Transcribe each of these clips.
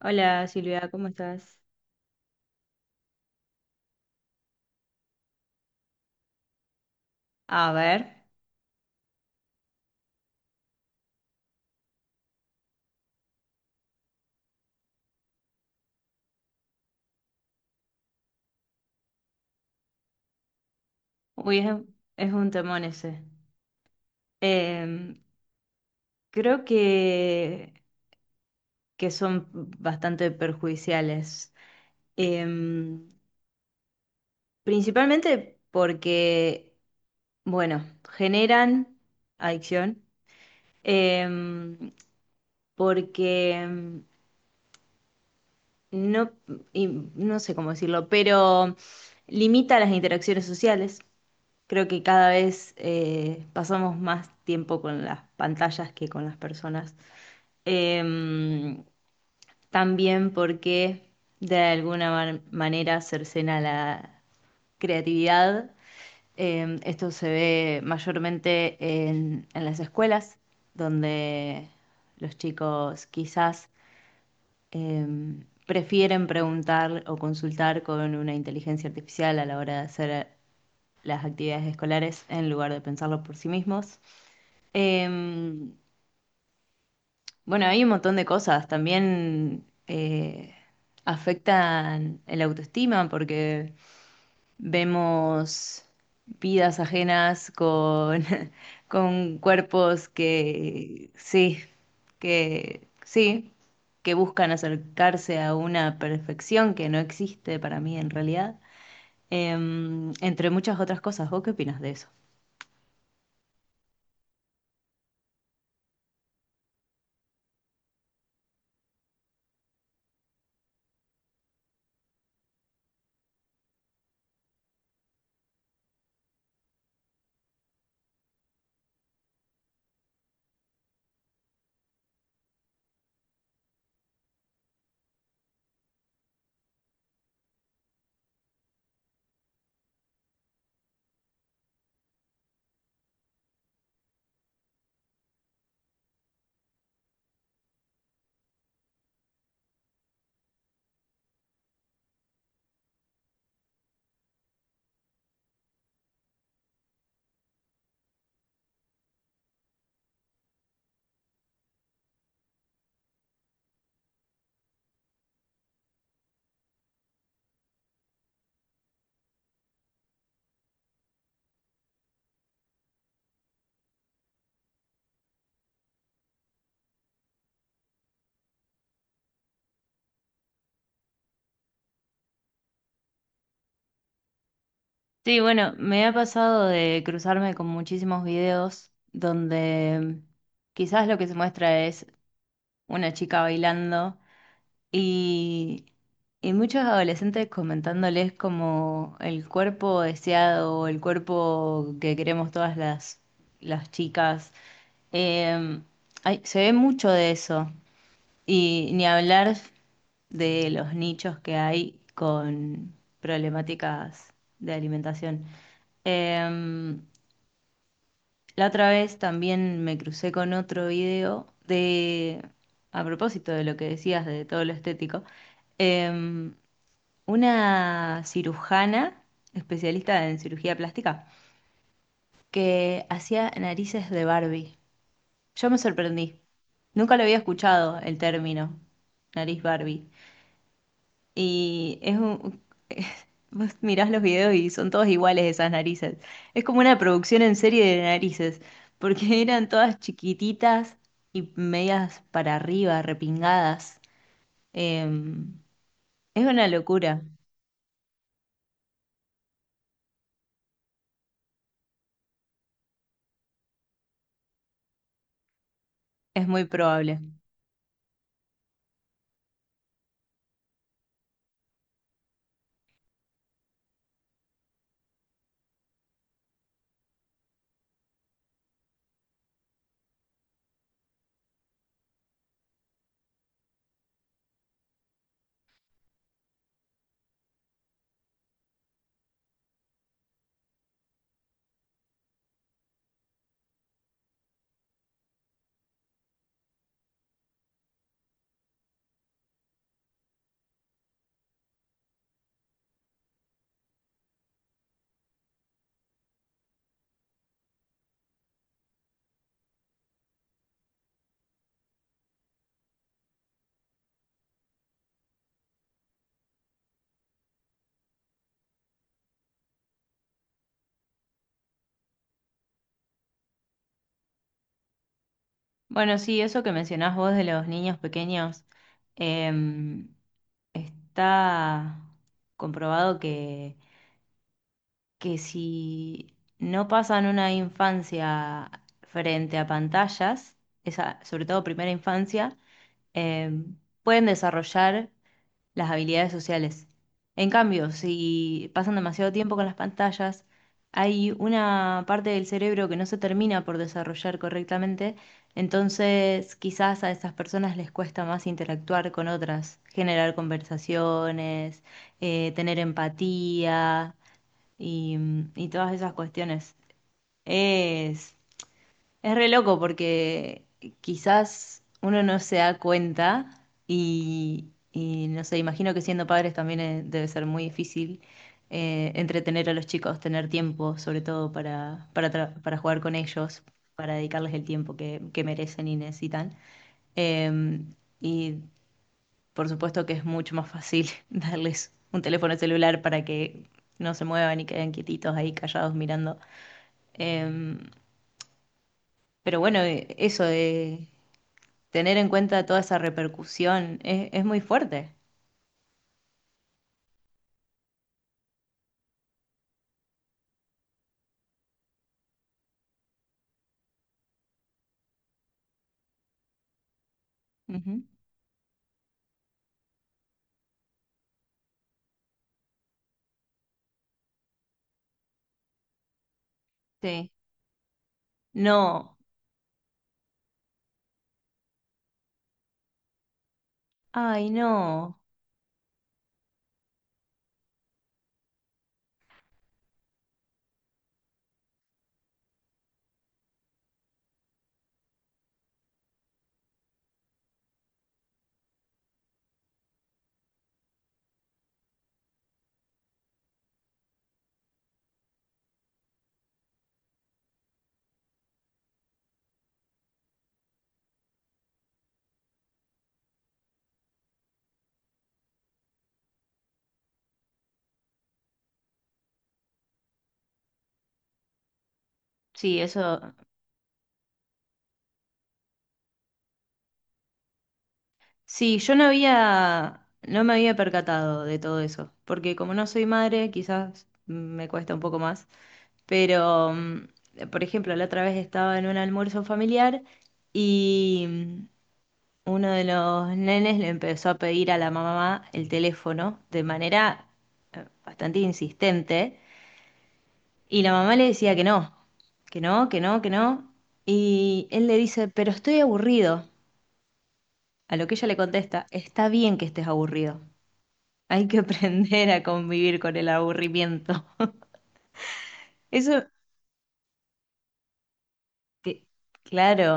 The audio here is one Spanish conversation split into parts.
Hola Silvia, ¿cómo estás? A ver, uy, es, es un temón ese. Em, Creo que son bastante perjudiciales. Em, Principalmente porque, bueno, generan adicción, em, porque no, y no sé cómo decirlo, pero limita las interacciones sociales. Creo que cada vez pasamos más tiempo con las pantallas que con las personas. Em, También porque de alguna manera cercena la creatividad. Esto se ve mayormente en las escuelas, donde los chicos quizás prefieren preguntar o consultar con una inteligencia artificial a la hora de hacer las actividades escolares en lugar de pensarlo por sí mismos. Em, bueno, hay un montón de cosas. También afectan el autoestima porque vemos vidas ajenas con, con cuerpos que sí, que sí, que buscan acercarse a una perfección que no existe para mí en realidad. Entre muchas otras cosas. ¿Vos qué opinas de eso? Sí, bueno, me ha pasado de cruzarme con muchísimos videos donde quizás lo que se muestra es una chica bailando y, y muchos adolescentes comentándoles como el cuerpo deseado o el cuerpo que queremos todas las chicas. Eh, se ve mucho de eso. Y ni hablar de los nichos que hay con problemáticas de alimentación. Eh, la otra vez también me crucé con otro video de, a propósito de lo que decías de todo lo estético, eh, una cirujana especialista en cirugía plástica que hacía narices de Barbie. Yo me sorprendí. Nunca lo había escuchado el término, nariz Barbie. Y es un... Vos mirás los videos y son todos iguales esas narices. Es como una producción en serie de narices, porque eran todas chiquititas y medias para arriba, repingadas. Em, es una locura, es muy probable. Bueno, sí, eso que mencionás vos de los niños pequeños, em, está comprobado que si no pasan una infancia frente a pantallas, esa, sobre todo primera infancia, eh, pueden desarrollar las habilidades sociales. En cambio, si pasan demasiado tiempo con las pantallas, hay una parte del cerebro que no se termina por desarrollar correctamente, entonces quizás a esas personas les cuesta más interactuar con otras, generar conversaciones, tener empatía y, y todas esas cuestiones. Es, es re loco porque quizás uno no se da cuenta y no sé, imagino que siendo padres también debe ser muy difícil entretener a los chicos, tener tiempo sobre todo para, para jugar con ellos, para dedicarles el tiempo que merecen y necesitan. Eh, y por supuesto que es mucho más fácil darles un teléfono celular para que no se muevan y queden quietitos ahí callados mirando. Em, pero bueno, eso de tener en cuenta toda esa repercusión es muy fuerte. Ujú. Sí. No, ay, no. Sí, eso. Sí, yo no había, no me había percatado de todo eso, porque como no soy madre, quizás me cuesta un poco más. Pero, por ejemplo, la otra vez estaba en un almuerzo familiar y uno de los nenes le empezó a pedir a la mamá el teléfono de manera bastante insistente y la mamá le decía que no, que no, que no, que no. Y él le dice, pero estoy aburrido. A lo que ella le contesta, está bien que estés aburrido. Hay que aprender a convivir con el aburrimiento. Eso, que, claro.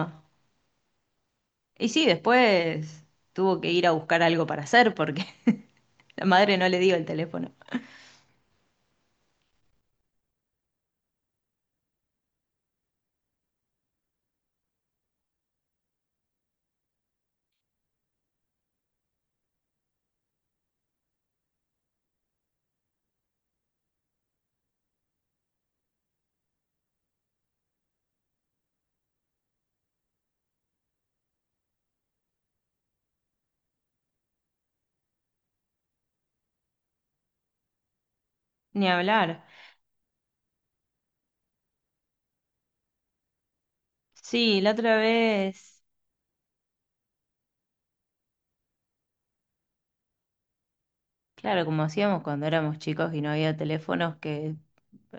Y sí, después tuvo que ir a buscar algo para hacer porque la madre no le dio el teléfono. Ni hablar. Sí, la otra vez, claro, como hacíamos cuando éramos chicos y no había teléfonos, que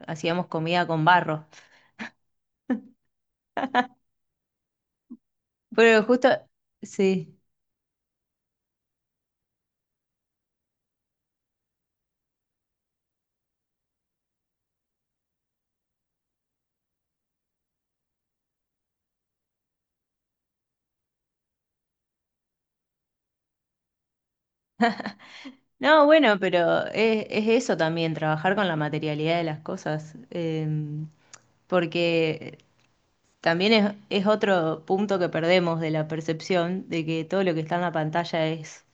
hacíamos comida con barro. Pero justo, sí. No, bueno, pero es eso también, trabajar con la materialidad de las cosas. Porque también es otro punto que perdemos de la percepción de que todo lo que está en la pantalla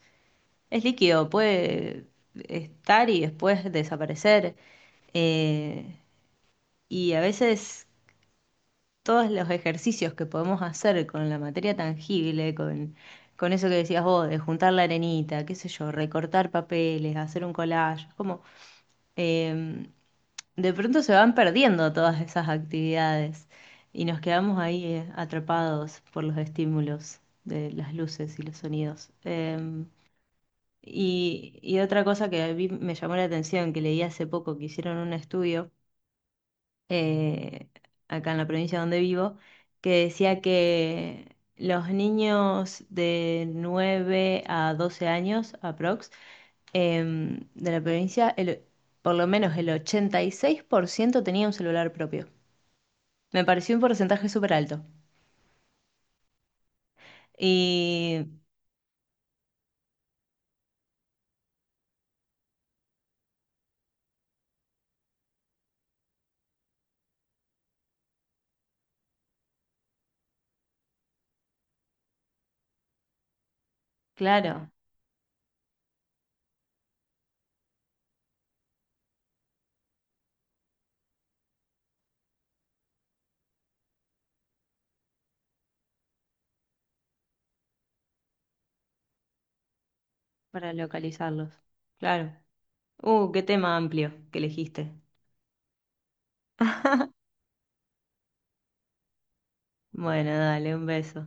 es líquido, puede estar y después desaparecer. Eh, y a veces todos los ejercicios que podemos hacer con la materia tangible, con eso que decías vos, de juntar la arenita, qué sé yo, recortar papeles, hacer un collage, como eh, de pronto se van perdiendo todas esas actividades y nos quedamos ahí atrapados por los estímulos de las luces y los sonidos. Y otra cosa que a mí me llamó la atención, que leí hace poco que hicieron un estudio, eh, acá en la provincia donde vivo, que decía que los niños de 9 a 12 años, aprox, de la provincia, por lo menos el 86% tenía un celular propio. Me pareció un porcentaje súper alto. Y claro, para localizarlos. Claro. Qué tema amplio que elegiste. Bueno, dale, un beso.